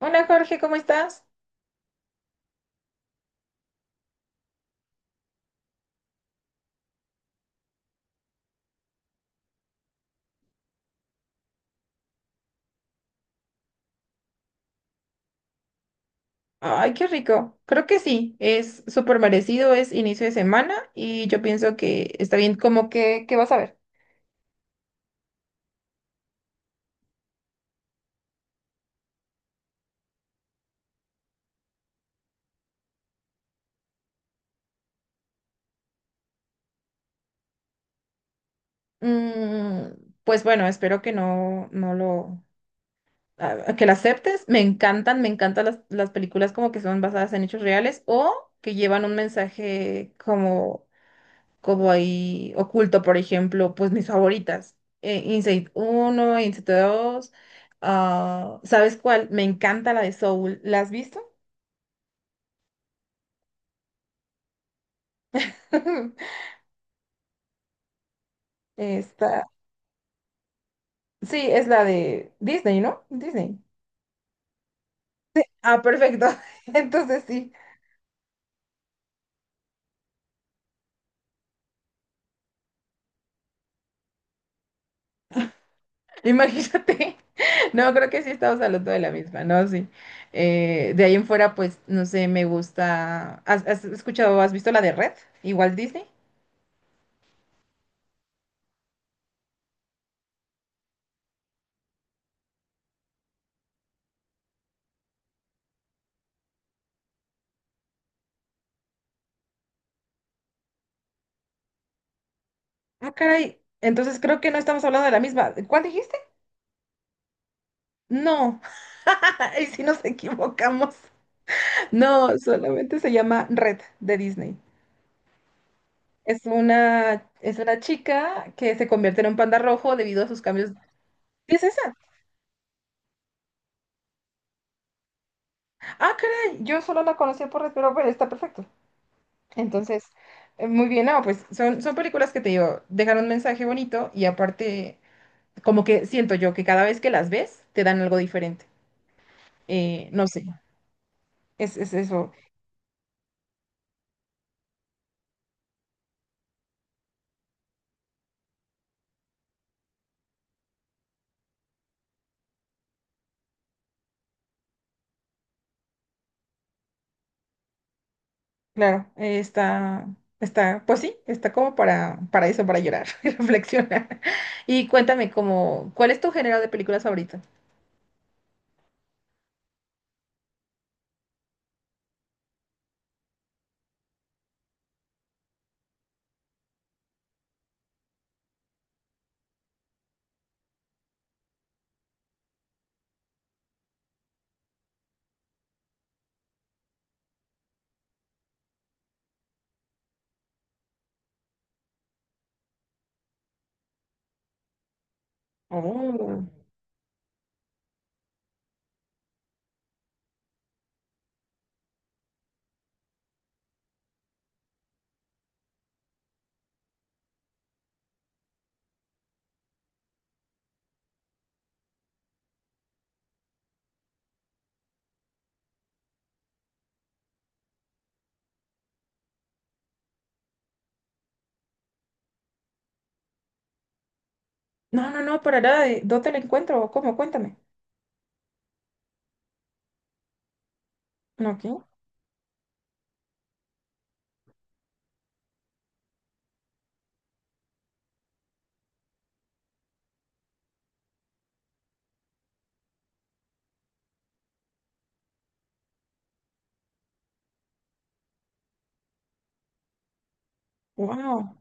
Hola Jorge, ¿cómo estás? Ay, qué rico. Creo que sí, es súper merecido, es inicio de semana y yo pienso que está bien. ¿Cómo que qué vas a ver? Mm, pues bueno, espero que no, no lo, a- que la aceptes. Me encantan las películas como que son basadas en hechos reales o que llevan un mensaje como ahí oculto, por ejemplo, pues mis favoritas, Inside 1 Inside 2. Ah, ¿sabes cuál? Me encanta la de Soul, ¿la has visto? Esta, sí, es la de Disney, ¿no? Disney. Ah, perfecto. Entonces sí, imagínate. No, creo que sí estamos hablando de la misma, ¿no? Sí. De ahí en fuera, pues, no sé, me gusta. ¿Has visto la de Red? Igual Disney. Ah, caray. Entonces creo que no estamos hablando de la misma. ¿Cuál dijiste? No, y si nos equivocamos. No, solamente se llama Red de Disney. Es una chica que se convierte en un panda rojo debido a sus cambios. ¿Sí es esa? Ah, caray, yo solo la conocía por Red, pero bueno, está perfecto. Entonces, muy bien, no, pues son películas que te digo, dejan un mensaje bonito y aparte, como que siento yo que cada vez que las ves, te dan algo diferente. No sé, es eso. Claro, está, pues sí, está como para eso, para llorar y reflexionar. Y cuéntame, como, ¿cuál es tu género de películas favorito? Oh. No, no, no, para nada, ¿dónde lo encuentro? ¿Cómo? Cuéntame. Ok, wow,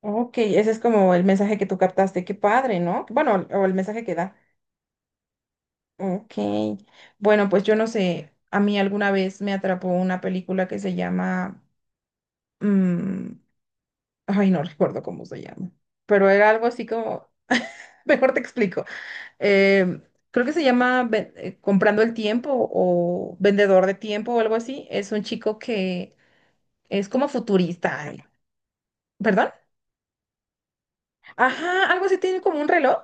ok, ese es como el mensaje que tú captaste, qué padre, ¿no? Bueno, o el mensaje que da. Ok, bueno, pues yo no sé, a mí alguna vez me atrapó una película que mm, ay, no recuerdo cómo se llama, pero era algo así como… Mejor te explico. Eh, creo que se llama Comprando el Tiempo o Vendedor de Tiempo o algo así. Es un chico que es como futurista. ¿Perdón? Ajá, algo así, tiene como un reloj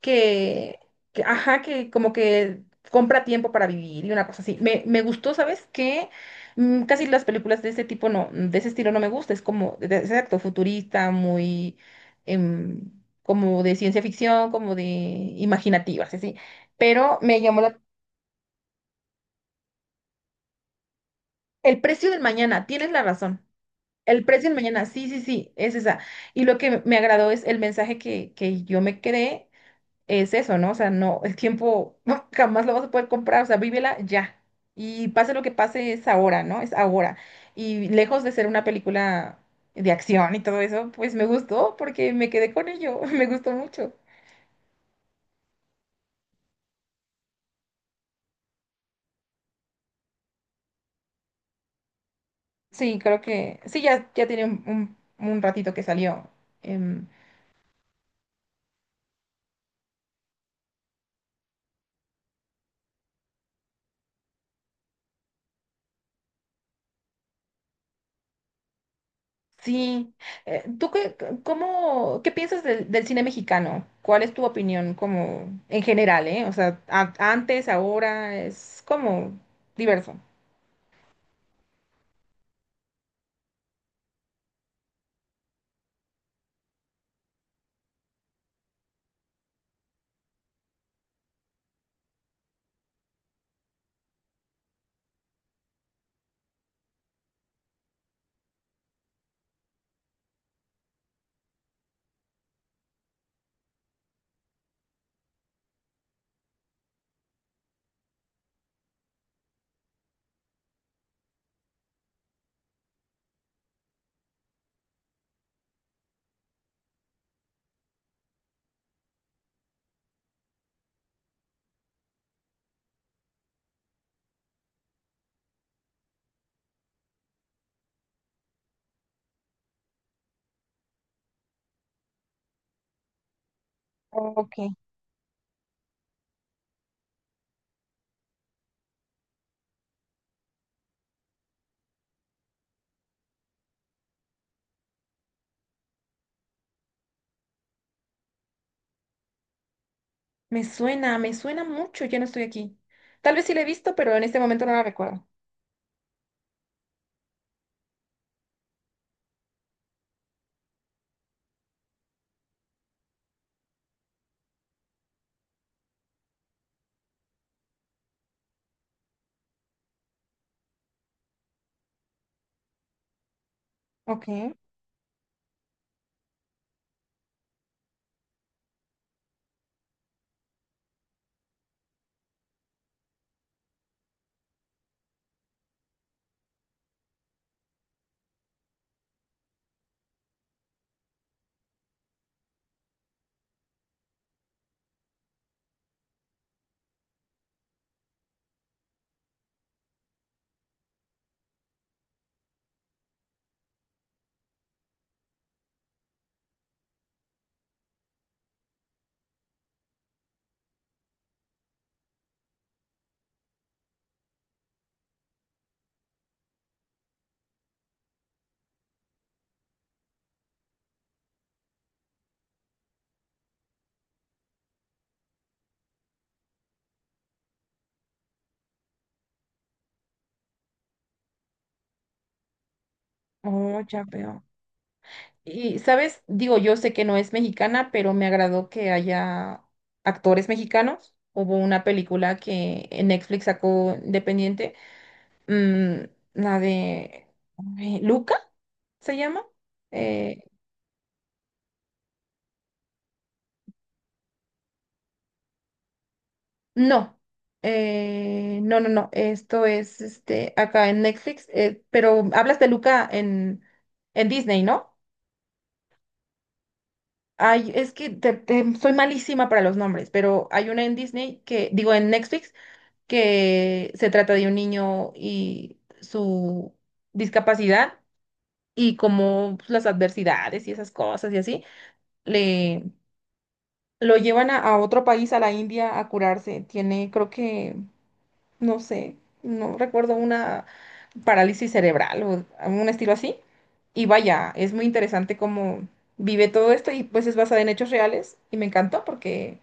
que, ajá, que como que compra tiempo para vivir y una cosa así. Me gustó, ¿sabes? Casi las películas de ese tipo no, de ese estilo no me gusta. Es como, exacto, futurista, muy em, como de ciencia ficción, como de imaginativas, así. Pero me llamó la… El precio del mañana, tienes la razón. El precio del mañana, sí, sí, sí, es esa. Y lo que me agradó es el mensaje que yo me quedé es eso, ¿no? O sea, no, el tiempo jamás lo vas a poder comprar, o sea, vívela ya. Y pase lo que pase, es ahora, ¿no? Es ahora. Y lejos de ser una película de acción y todo eso, pues me gustó porque me quedé con ello, me gustó mucho. Sí, creo que, sí, ya tiene un ratito que salió. Em, sí. ¿Tú qué, cómo, qué piensas del cine mexicano? ¿Cuál es tu opinión como en general, eh? O sea, antes, ahora, es como diverso. Ok. Me suena mucho, ya no estoy aquí. Tal vez sí la he visto, pero en este momento no la recuerdo. Ok. Oh, ya veo. Y, ¿sabes? Digo, yo sé que no es mexicana, pero me agradó que haya actores mexicanos. Hubo una película que en Netflix sacó independiente, mm, la de ay, Luca, ¿se llama? Eh, No, no. Esto es este acá en Netflix, pero hablas de Luca en Disney, ¿no? Ay, es que soy malísima para los nombres, pero hay una en Disney que, digo, en Netflix, que se trata de un niño y su discapacidad y como pues, las adversidades y esas cosas y así, le lo llevan a otro país, a la India, a curarse. Tiene, creo que no sé, no recuerdo, una parálisis cerebral o un estilo así. Y vaya, es muy interesante cómo vive todo esto y pues es basada en hechos reales y me encantó porque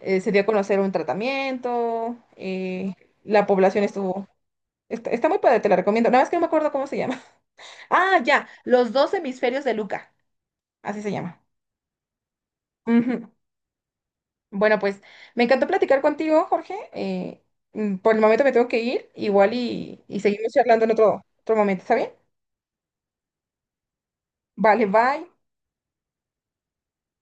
se dio a conocer un tratamiento, la población estuvo… Está, está muy padre, te la recomiendo. Nada más que no me acuerdo cómo se llama. Ah, ya, Los dos hemisferios de Luca, así se llama. Ujú. Bueno, pues me encantó platicar contigo, Jorge. Por el momento me tengo que ir, igual y seguimos charlando en otro momento, ¿está bien? Vale, bye.